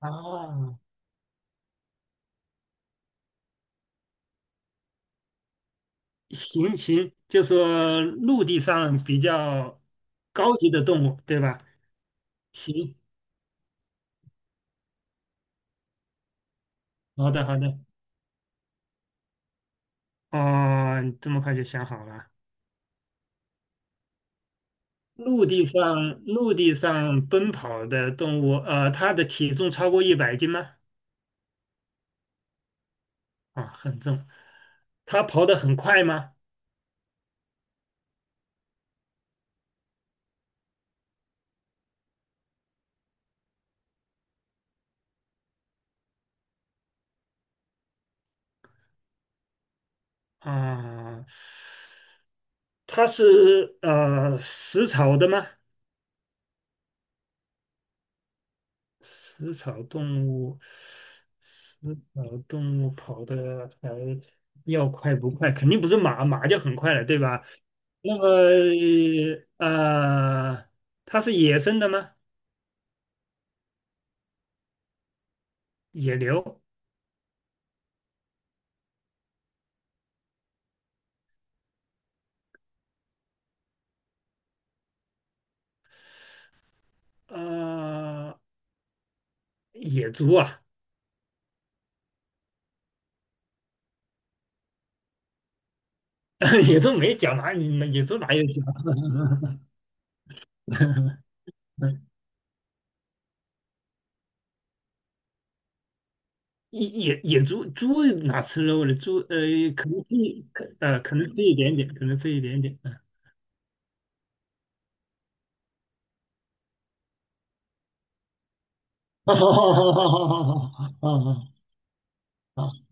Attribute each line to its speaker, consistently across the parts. Speaker 1: 哦，行行，就说陆地上比较高级的动物，对吧？行，好的好的，哦，你这么快就想好了。陆地上奔跑的动物，它的体重超过100斤吗？啊，很重。它跑得很快吗？啊，它是食草的吗？食草动物，食草动物跑的还要快不快？肯定不是马，马就很快了，对吧？那么呃，它是野生的吗？野牛？呃，野猪啊？野猪没脚哪里？野猪哪有脚？野猪哪吃肉的？猪可能吃一点点。嗯，好哦哦哦哦哦哦哦哦哦。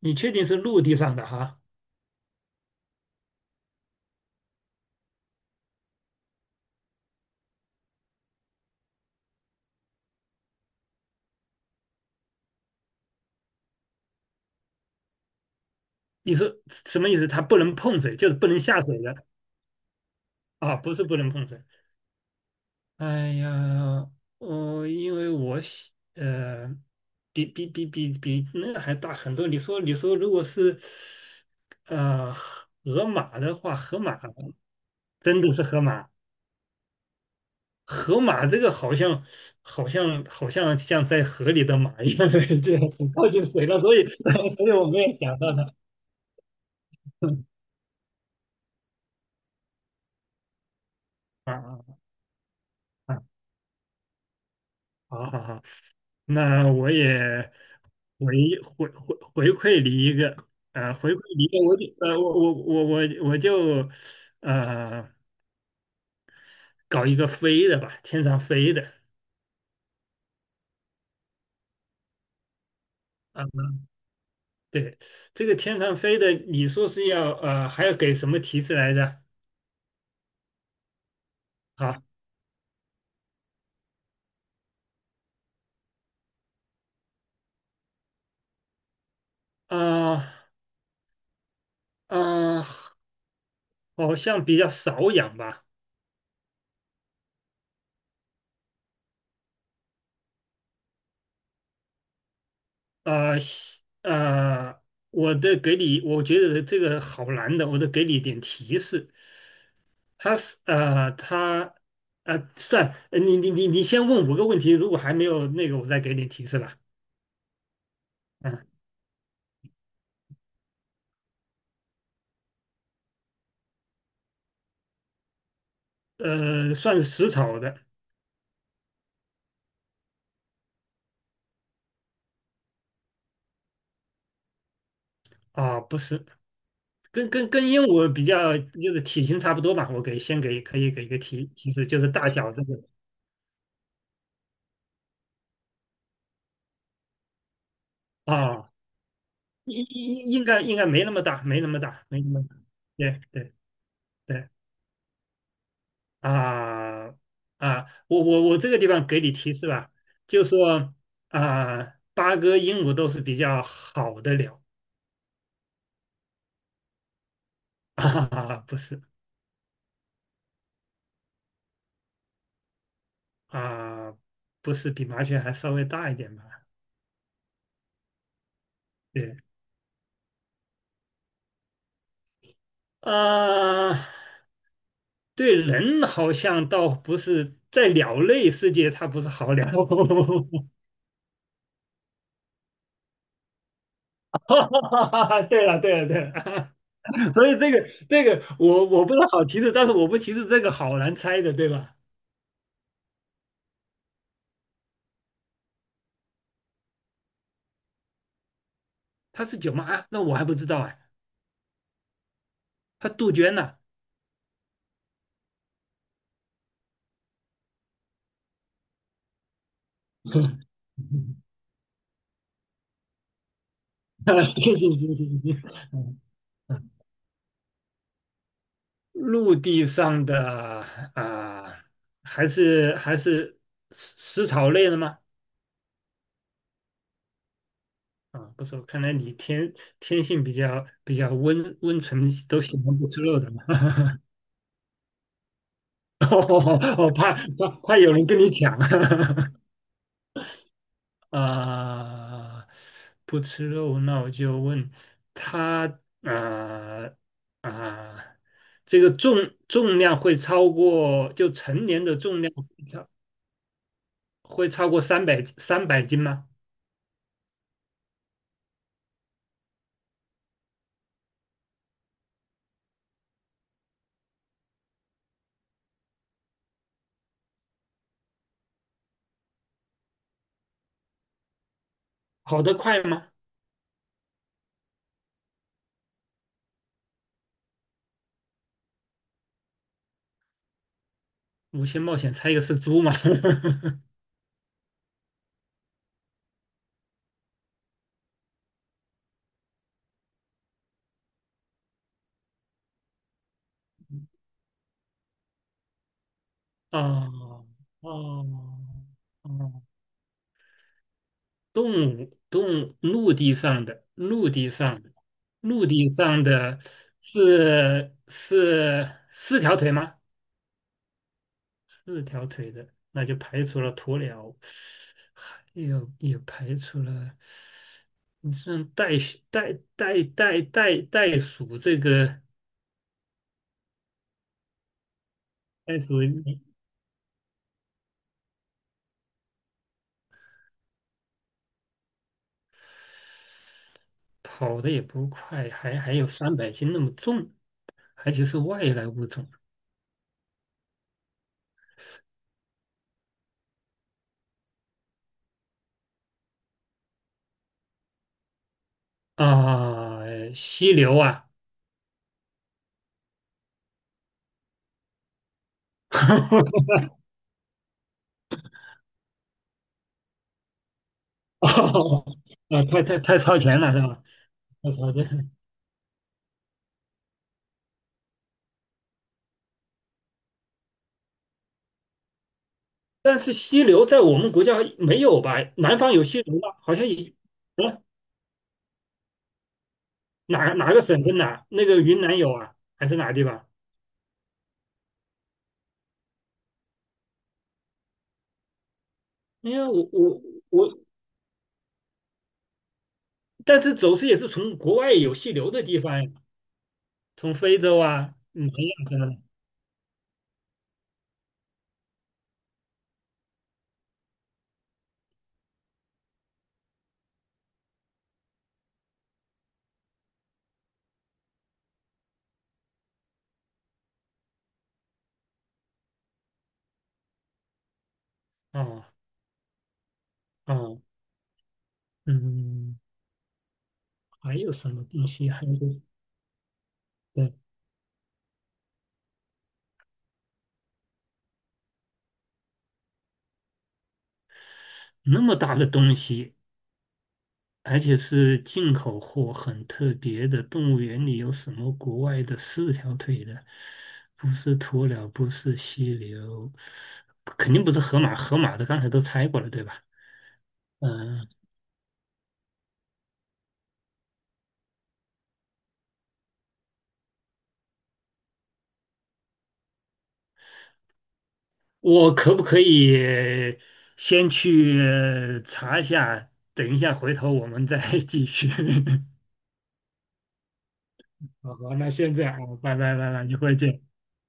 Speaker 1: 你确定是陆地上的哈？你说什么意思？它不能碰水，就是不能下水的啊？不是不能碰水。哎呀，因为比那个还大很多。你说你说，如果是河马的话，河马真的是河马，河马这个好像好像好像像在河里的马一样，这很靠近水了，所以 所以我没有想到它。啊啊啊！好好好。那我也回回回回馈你一个，我就呃，我我我我我就呃搞一个飞的吧，天上飞的啊，对，这个天上飞的，你说是要还要给什么提示来着？啊啊啊，好像比较少养吧，啊我的给你，我觉得这个好难的，我得给你一点提示。他是呃，他呃，算呃你先问5个问题，如果还没有那个，我再给你提示吧。嗯，算是食草的啊，不是，跟鹦鹉比较，就是体型差不多吧。我给先给可以给一个提示，就是大小这个啊，应该没那么大，没那么大，没那么大。对对对啊啊，我这个地方给你提示吧，就说啊，八哥、鹦鹉都是比较好的鸟。啊，不是啊，不是比麻雀还稍微大一点吧？对啊，对人好像倒不是，在鸟类世界它不是好鸟。哈哈哈对了，对了，对了，所以这个我不是好提示，但是我不提示这个好难猜的，对吧？它是九妈啊那我还不知道啊，它杜鹃呢、谢谢行，嗯 陆地上的啊，还是食食草类的吗？啊，不错，看来你天性比较温存，都喜欢不吃肉的嘛。我怕有人跟你抢 啊！不吃肉，那我就问他啊啊，这个重量会超过就成年的重量会超过300斤吗？跑得快吗？五星冒险猜一个是猪吗？哦哦哦，动物，陆地上的，是四条腿吗？四条腿的，那就排除了鸵鸟，还有也排除了。你像袋鼠这个袋鼠，跑的也不快，还有三百斤那么重，而且是外来物种啊，犀牛啊，哦啊，太超前了是吧？太超前了。但是犀牛在我们国家没有吧？南方有犀牛吗？好像也，啊，哪个省份哪？那个云南有啊，还是哪个地方？因为我，但是走私也是从国外有犀牛的地方呀，从非洲啊、南亚什么的。哦哦，嗯。还有什么东西？还有个对，那么大的东西，而且是进口货，很特别的。动物园里有什么国外的四条腿的？不是鸵鸟，不是犀牛，肯定不是河马。河马的刚才都猜过了，对吧？嗯，我可不可以先去查一下？等一下，回头我们再 继续。好好，那现在样啊，拜拜拜拜，一会儿见。